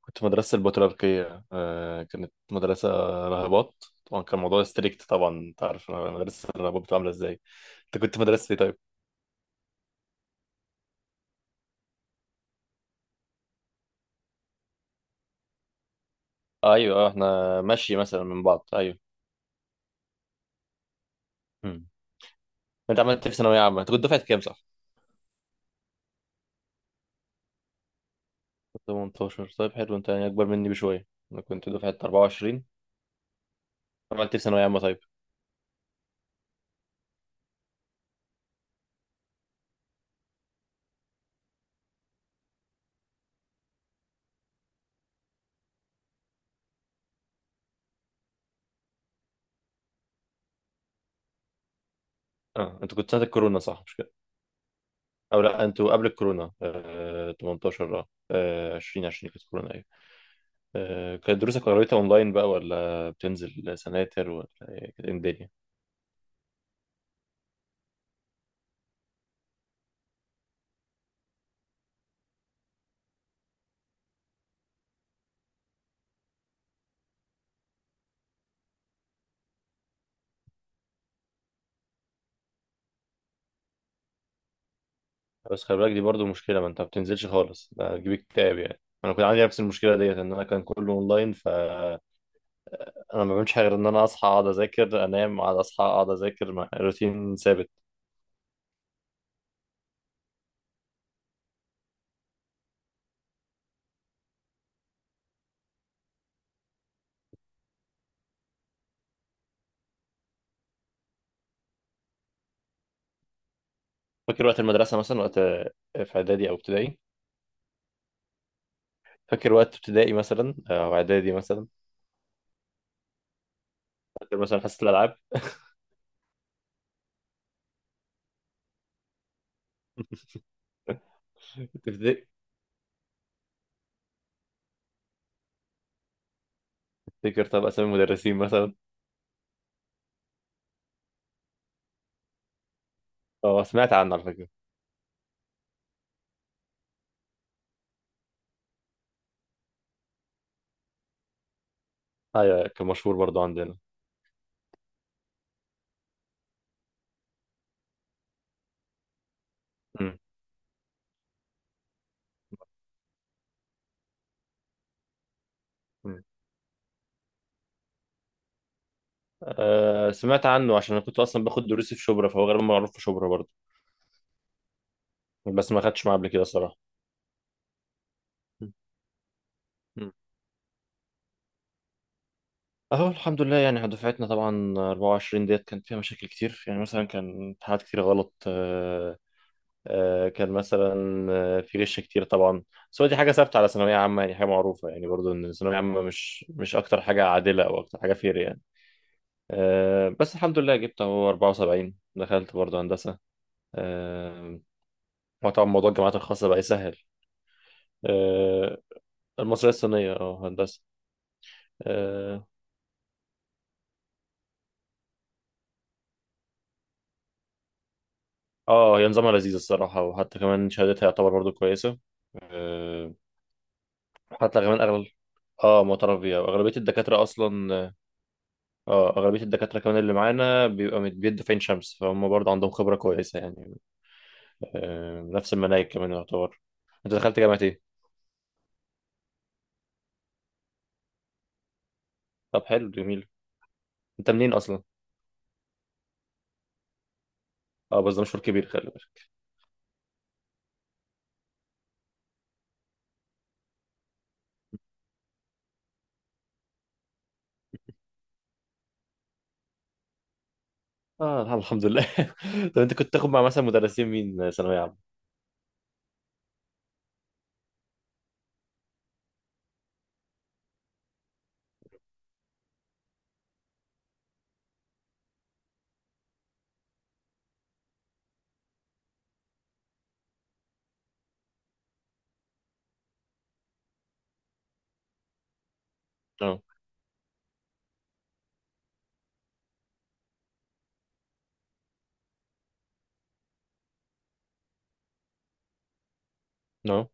كنت في مدرسة البطريركية، كانت مدرسة راهبات. طبعا كان الموضوع ستريكت، طبعا انت عارف مدرسة الراهبات بتبقى عاملة ازاي. انت كنت في مدرسة ايه طيب؟ ايوه، اه، احنا ماشي مثلا من بعض، ايوه. مم. انت عملت إيه في ثانوية عامة؟ انت كنت دفعة كام، صح؟ كنت 18، طيب حلو، انت يعني اكبر مني بشوية. انا كنت دفعة 24. عملت إيه في ثانوية عامة طيب؟ اه، انت كنت سنة الكورونا صح، مش كده؟ او لا، انتوا قبل الكورونا 18، اه، 2020 كانت كورونا، ايوه. كانت دروسك قريتها اونلاين بقى، ولا بتنزل سناتر، ولا إيه؟ كانت إيه الدنيا؟ بس خلي بالك، دي برضو مشكله، ما انت ما بتنزلش خالص ده هتجيب اكتئاب. يعني انا كنت عندي نفس المشكله ديت، ان انا كان كله اونلاين، فانا ما بعملش حاجه غير ان انا اصحى اقعد اذاكر انام اقعد اصحى اقعد اذاكر مع روتين ثابت. فاكر وقت المدرسه مثلا؟ وقت في اعدادي او ابتدائي؟ فاكر وقت ابتدائي مثلا، او اعدادي مثلا؟ فاكر مثلا حصه الالعاب؟ تفتك- تفتكر طب اسامي المدرسين مثلا؟ اه، سمعت عنه على فكره. ايوه، كان مشهور برضو عندنا. مم. آه، سمعت عنه عشان انا كنت اصلا باخد دروسي في شبرا، فهو غالبا معروف في شبرا برضه. بس ما خدتش معاه قبل كده الصراحه. مم. مم. اهو الحمد لله، يعني دفعتنا طبعا 24 ديت كان فيها مشاكل كتير. يعني مثلا كان امتحانات كتير غلط، كان مثلا في غش كتير طبعا. بس هو دي حاجه ثابته على ثانويه عامه، يعني حاجه معروفه يعني، برضو ان الثانويه عامه مش اكتر حاجه عادله او اكتر حاجه فير يعني. بس الحمد لله جبت اهو 74، دخلت برضو هندسه. آه، هو طبعا موضوع الجامعات الخاصه بقى يسهل. آه، المصرية الصينية، اه هندسة. اه، هي نظامها لذيذ الصراحة، وحتى كمان شهادتها يعتبر برضو كويسة. آه، حتى كمان أغلب، اه، معترف بيها وأغلبية الدكاترة أصلا اه. أغلبية الدكاترة كمان اللي معانا بيبقى بيدوا في عين شمس، فهم برضو عندهم خبرة كويسة يعني. نفس المناهج كمان يعتبر. أنت دخلت جامعة إيه؟ طب حلو، جميل. أنت منين أصلا؟ اه بس ده مشوار كبير، خلي بالك. اه الحمد لله. طب أنت كنت تاخد مع مثلا مدرسين مين ثانوية عامة؟ اه، اه،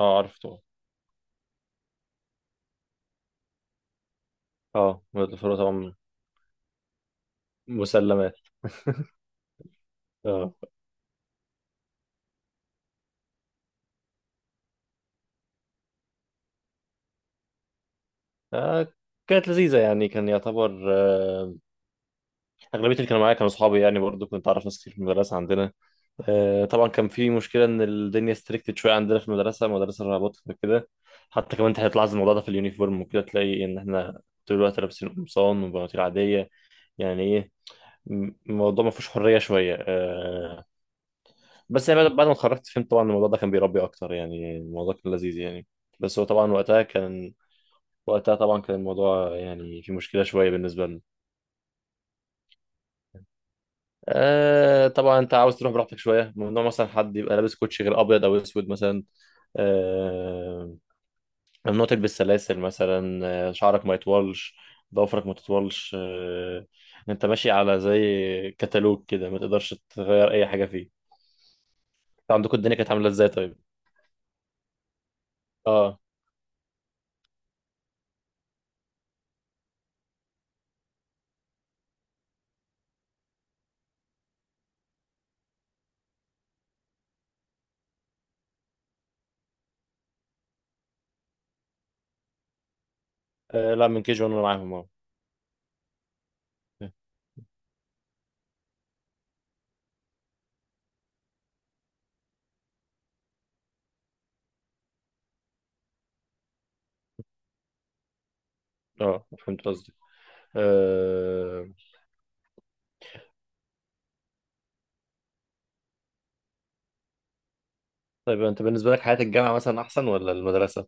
اه عارف. اه، مولد الفروة طبعا. مسلمات. اه. آه، كانت لذيذة، يعني كان يعتبر أغلبية اللي كانوا معايا كانوا أصحابي، يعني برضو كنت أعرف ناس كتير في المدرسة عندنا. طبعا كان في مشكلة إن الدنيا ستريكتد شوية عندنا في المدرسة، مدرسة الرهبات وكده. حتى كمان أنت هتلاحظ الموضوع ده في اليونيفورم وكده، تلاقي إن إحنا طول الوقت لابسين قمصان وبناطيل عادية، يعني إيه، الموضوع ما فيهوش حرية شوية. بس يعني بعد ما اتخرجت فهمت طبعا إن الموضوع ده كان بيربي أكتر، يعني الموضوع كان لذيذ يعني. بس هو طبعا وقتها كان وقتها طبعا كان الموضوع يعني في مشكله شويه بالنسبه لنا. آه، طبعا انت عاوز تروح براحتك شويه، ممنوع مثلا حد يبقى لابس كوتشي غير ابيض او اسود مثلا. آه، ممنوع تلبس سلاسل مثلا. آه، شعرك ما يطولش، ضوافرك ما تطولش، آه، انت ماشي على زي كتالوج كده، ما تقدرش تغير اي حاجه فيه. انت عندكم الدنيا كانت عامله ازاي طيب؟ اه. آه، لا، من كي جي وانا معاهم، اه. اه فهمت قصدي. آه... طيب انت بالنسبه لك حياه الجامعه مثلا احسن ولا المدرسه؟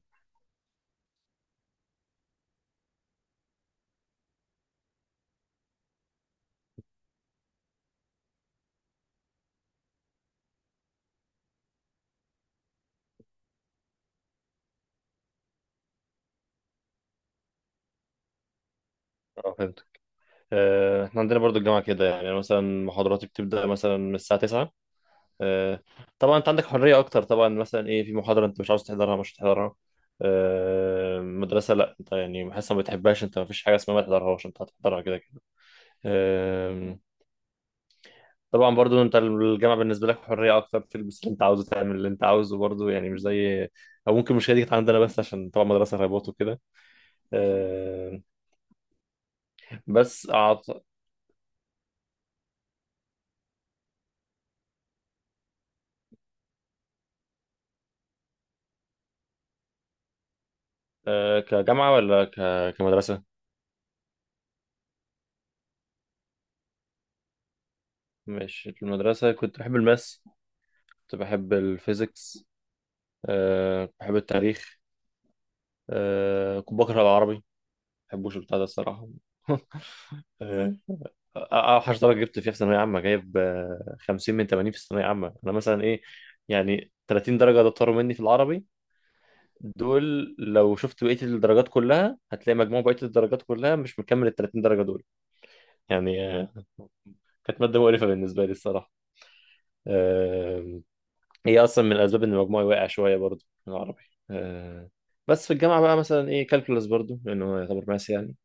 اه فهمت. احنا عندنا برضو الجامعه كده، يعني أنا مثلا محاضراتي بتبدا مثلا من الساعه 9. آه... طبعا انت عندك حريه اكتر، طبعا مثلا ايه، في محاضره انت مش عاوز تحضرها مش هتحضرها. مدرسه لا، انت يعني حاسس ما بتحبهاش، انت ما فيش حاجه اسمها ما تحضرهاش، انت هتحضرها كده كده. آه... طبعا برضو انت الجامعه بالنسبه لك حريه اكتر، تلبس اللي انت عاوزه، تعمل اللي انت عاوزه، برضو يعني مش زي، او ممكن مش هي دي كانت عندنا بس عشان طبعا مدرسه ريبوت وكده. آه، بس أعط... كجامعه ولا كمدرسه. ماشي، في المدرسه كنت بحب الماس، كنت بحب الفيزيكس، كنت بحب التاريخ، كنت بكره العربي، ما بحبوش البتاع ده الصراحه. اوحش درجه جبت فيها في ثانويه عامه جايب 50 من 80 في الثانويه عامه. انا مثلا ايه، يعني 30 درجه ده طاروا مني في العربي. دول لو شفت بقيه الدرجات كلها هتلاقي مجموع بقيه الدرجات كلها مش مكمل ال 30 درجه دول يعني. كانت ماده مقرفه بالنسبه لي الصراحه. آه، هي اصلا من الاسباب ان مجموعي واقع شويه برضو في العربي. آه، بس في الجامعه بقى مثلا ايه كالكولاس برضو لانه يعتبر ماس يعني.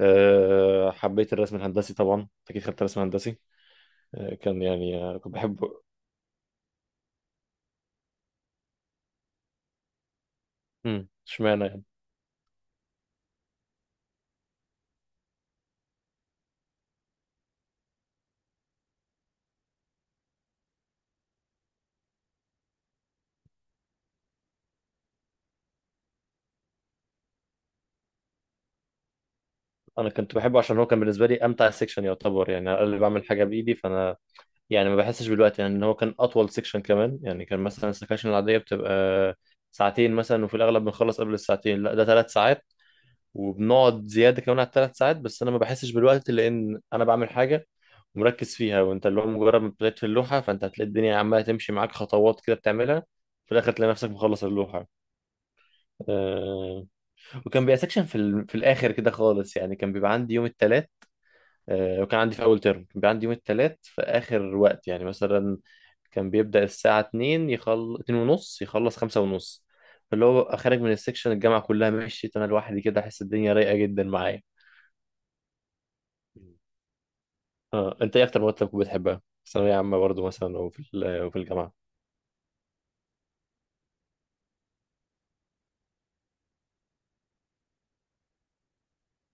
أه، حبيت الرسم الهندسي طبعا، أنت اكيد خدت رسم هندسي. أه كان يعني كنت بحبه. امم، اشمعنى يعني؟ انا كنت بحبه عشان هو كان بالنسبه لي امتع سيكشن يعتبر، يعني انا اللي بعمل حاجه بايدي. فانا يعني ما بحسش بالوقت، يعني ان هو كان اطول سيكشن كمان يعني. كان مثلا السكاشن العاديه بتبقى ساعتين مثلا، وفي الاغلب بنخلص قبل الساعتين، لا ده ثلاث ساعات وبنقعد زياده كمان على الثلاث ساعات. بس انا ما بحسش بالوقت لان انا بعمل حاجه ومركز فيها. وانت اللي هو مجرد ما ابتديت في اللوحه، فانت هتلاقي الدنيا عماله تمشي معاك خطوات كده بتعملها، في الاخر تلاقي نفسك مخلص اللوحه. آه، وكان بيبقى سكشن في الاخر كده خالص يعني، كان بيبقى عندي يوم الثلاث. آه، وكان عندي في اول ترم كان بيبقى عندي يوم الثلاث في اخر وقت، يعني مثلا كان بيبدأ الساعة 2 2 ونص، يخلص 5 ونص. فاللي هو ببقى خارج من السكشن الجامعة كلها مشيت انا لوحدي كده، احس الدنيا رايقة جدا معايا. اه، انت ايه اكتر مواد كنت بتحبها في ثانوية عامة برضو مثلا، او او في الجامعة؟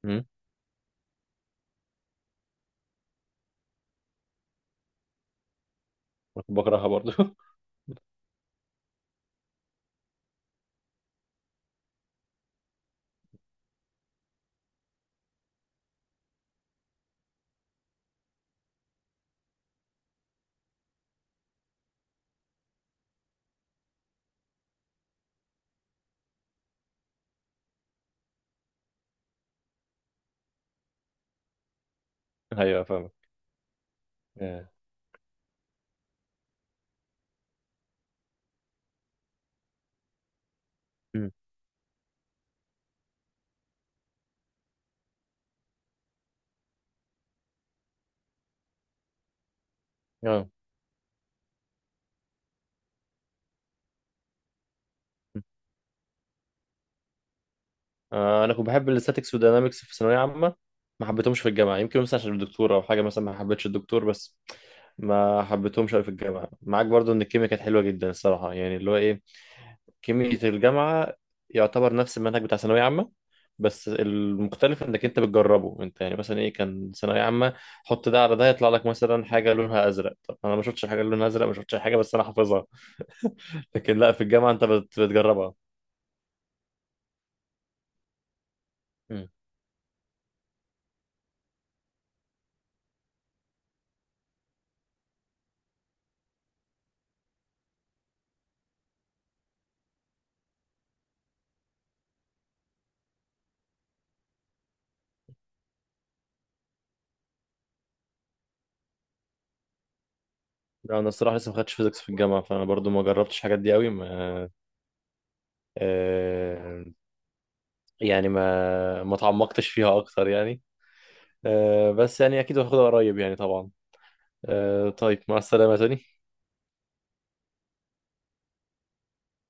امم. أنا كنت بكرهها برضو. ايوه فاهم. اه. أمم. آه. آه، انا كنت بحب الاستاتيكس والديناميكس في ثانويه عامه، ما حبيتهمش في الجامعه. يمكن مثلا عشان الدكتور او حاجه، مثلا ما حبيتش الدكتور. بس ما حبيتهمش قوي في الجامعه معاك. برضو ان الكيمياء كانت حلوه جدا الصراحه، يعني اللي هو ايه، كيمياء الجامعه يعتبر نفس المنهج بتاع ثانويه عامه. بس المختلف انك انت بتجربه انت، يعني مثلا ايه كان ثانويه عامه حط ده على ده يطلع لك مثلا حاجه لونها ازرق. طب انا ما شفتش حاجه لونها ازرق، ما شفتش حاجه بس انا حافظها. لكن لا، في الجامعه انت بتجربها. لا، انا الصراحه لسه ما خدتش فيزيكس في الجامعه، فانا برضو ما جربتش الحاجات دي قوي ما. آه، يعني ما تعمقتش فيها اكتر يعني. آه، بس يعني اكيد هاخدها قريب يعني طبعا. آه، طيب، مع السلامه تاني.